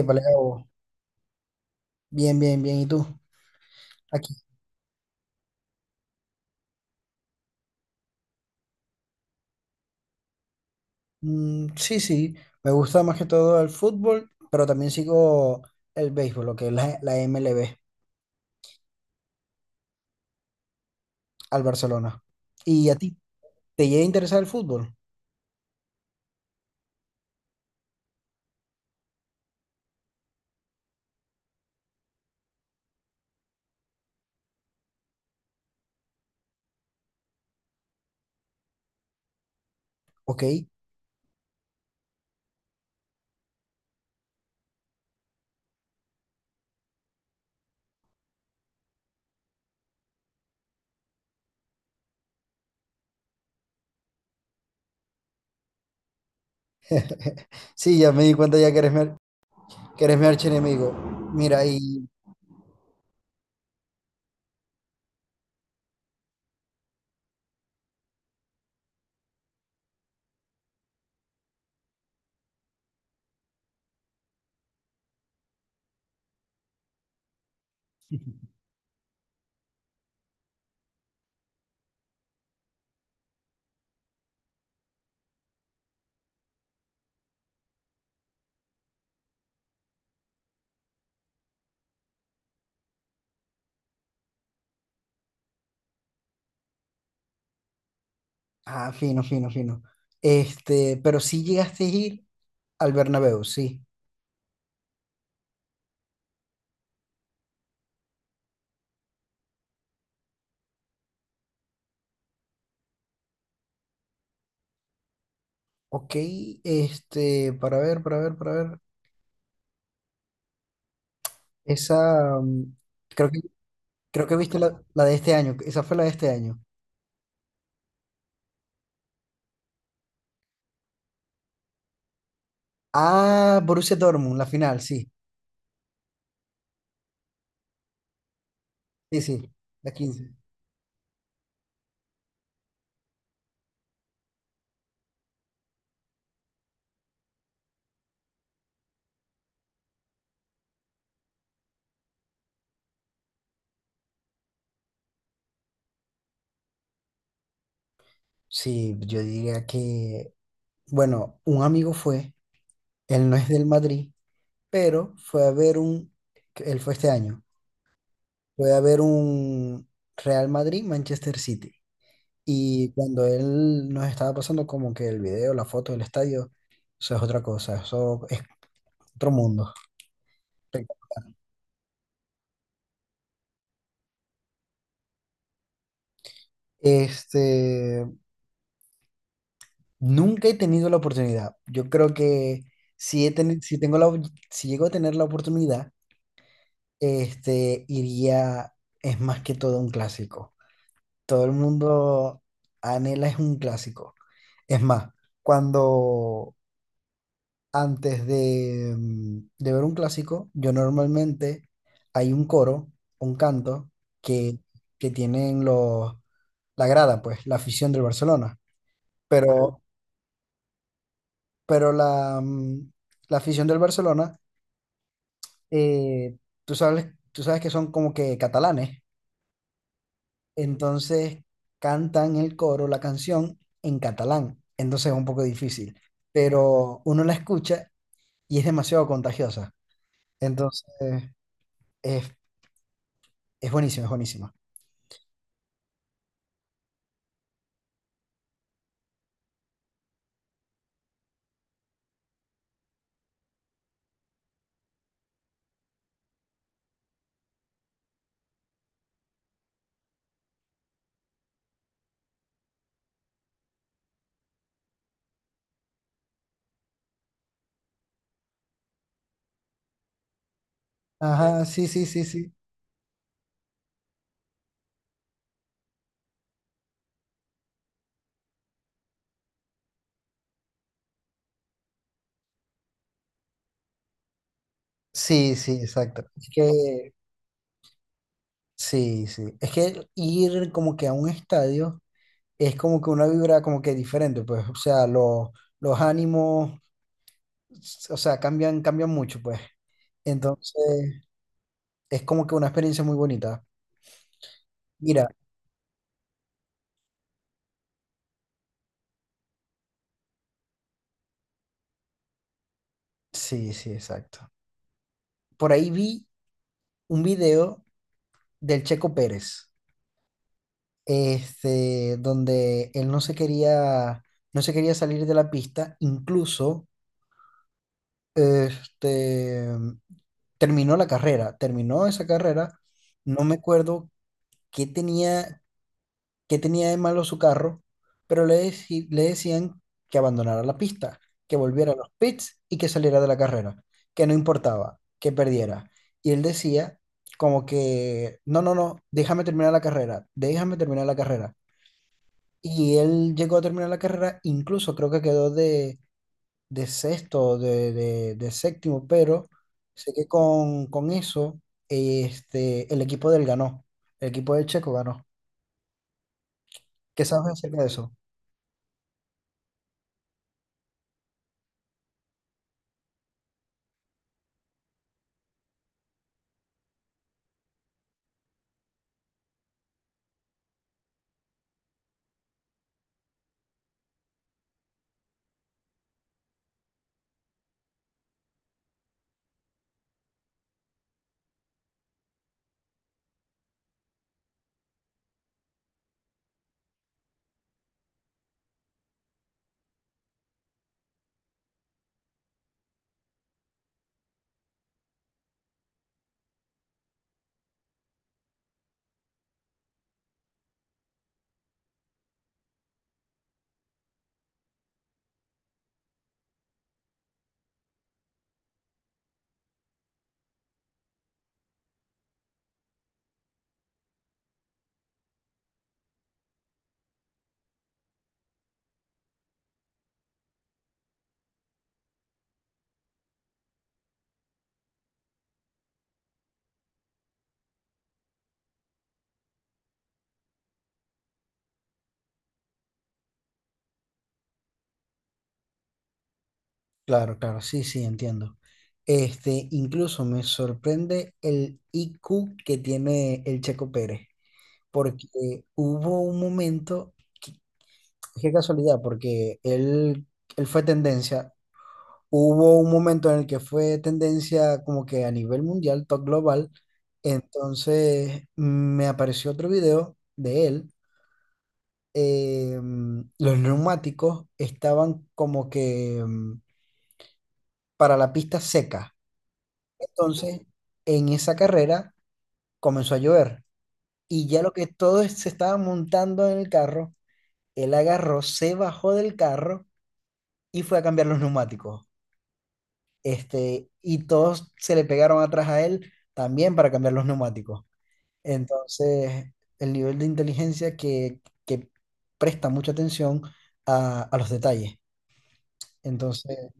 Epa, Leo, bien, bien, bien. ¿Y tú? Aquí. Sí, sí, me gusta más que todo el fútbol, pero también sigo el béisbol, lo que es la MLB, al Barcelona. ¿Y a ti? ¿Te llega a interesar el fútbol? Ok. Sí, ya me di cuenta ya que que eres mi archienemigo. Mira, y... Ah, fino, fino, fino. Este, pero sí llegaste a ir al Bernabéu, sí. Ok, para ver, para ver, para ver. Esa, mm, creo que Creo que viste la, la de este año. Esa fue la de este año. Ah, Borussia Dortmund, la final, sí. Sí, sí, la quince. Sí, yo diría que, bueno, un amigo fue, él no es del Madrid, pero fue a ver un, él fue este año, fue a ver un Real Madrid-Manchester City. Y cuando él nos estaba pasando como que el video, la foto del estadio, eso es otra cosa, eso es otro mundo. Este, Nunca he tenido la oportunidad. Yo creo que si, he teni- si, tengo la, op- si llego a tener la oportunidad, iría, es más que todo un clásico. Todo el mundo anhela es un clásico. Es más, cuando de ver un clásico, yo normalmente hay un coro, un canto que, que tienen la grada, pues, la afición del Barcelona. Pero, pero la afición del Barcelona, eh, tú sabes que son como que catalanes, entonces cantan el coro, la canción en catalán, entonces es un poco difícil, pero uno la escucha y es demasiado contagiosa, entonces es, es buenísimo, es buenísimo. Ajá, sí, sí, sí, sí. Sí, sí, exacto. Es que, sí, sí. Es que ir como que a un estadio es como que una vibra como que diferente, pues, o sea, los ánimos o sea, cambian, cambian mucho, pues. Entonces, es como que una experiencia muy bonita. Mira, sí, sí, exacto. Por ahí vi un video del Checo Pérez, donde él no se quería, no se quería salir de la pista, este, terminó la carrera, terminó esa carrera, no me acuerdo qué tenía, qué tenía de malo su carro, pero le decían que abandonara la pista, que volviera a los pits y que saliera de la carrera, que no importaba, que perdiera. Y él decía como que, no, no, no, déjame terminar la carrera, déjame terminar la carrera. Y él llegó a terminar la carrera, incluso creo que de sexto, de séptimo, pero sé que con eso, el equipo del ganó, el equipo del Checo ganó. ¿Qué sabes acerca de eso? Claro, claro, sí, sí, entiendo. Este, incluso me sorprende el IQ que tiene el Checo Pérez, porque hubo un momento, que- qué casualidad, porque él fue tendencia, hubo un momento en el que fue tendencia como que a nivel mundial, top global, entonces me apareció otro video de él, los neumáticos estaban como que para la pista seca. Entonces, en esa carrera comenzó a llover y ya lo que todos se estaban montando en el carro, él agarró, se bajó del carro y fue a cambiar los neumáticos. Este, y todos se le pegaron atrás a él también para cambiar los neumáticos. Entonces, el nivel de inteligencia que presta mucha atención a los detalles. Entonces,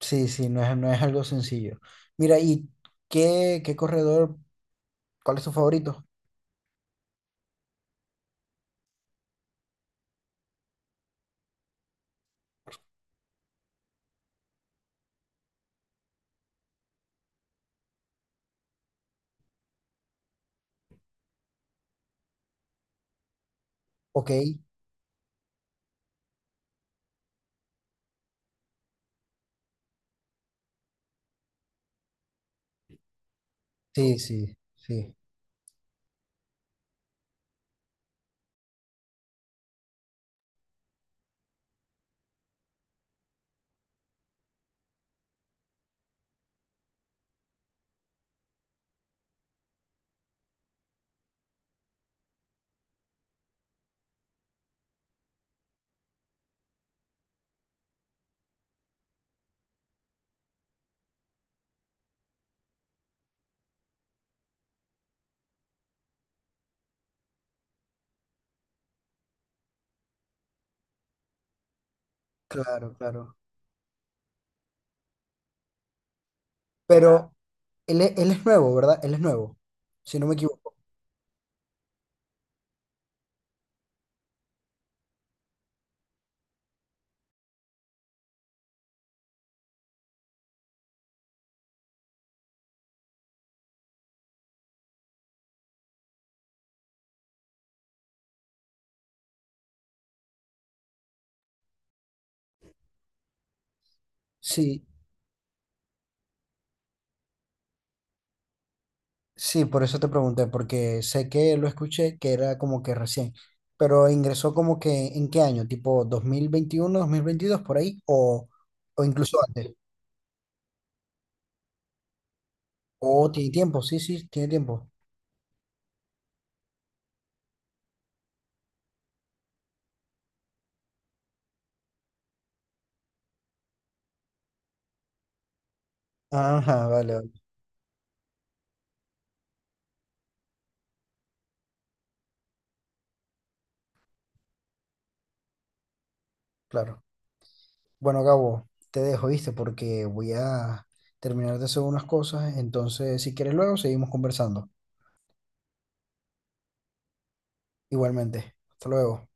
sí, sí, no es, no es algo sencillo. Mira, ¿y qué, qué corredor, cuál es tu favorito? Ok. Sí, sí, sí, claro, claro. Pero él, él es nuevo, ¿verdad? Él es nuevo, si no me equivoco. Sí, sí, por eso te pregunté, porque sé que lo escuché, que era como que recién, pero ingresó como que en qué año, tipo 2021, 2022 por ahí, o incluso antes. O tiene tiempo, sí, sí, tiene tiempo. Ajá, vale, vale, claro. Bueno, Gabo, te dejo, ¿viste? Porque voy a terminar de hacer unas cosas, entonces si quieres luego seguimos conversando. Igualmente, hasta luego.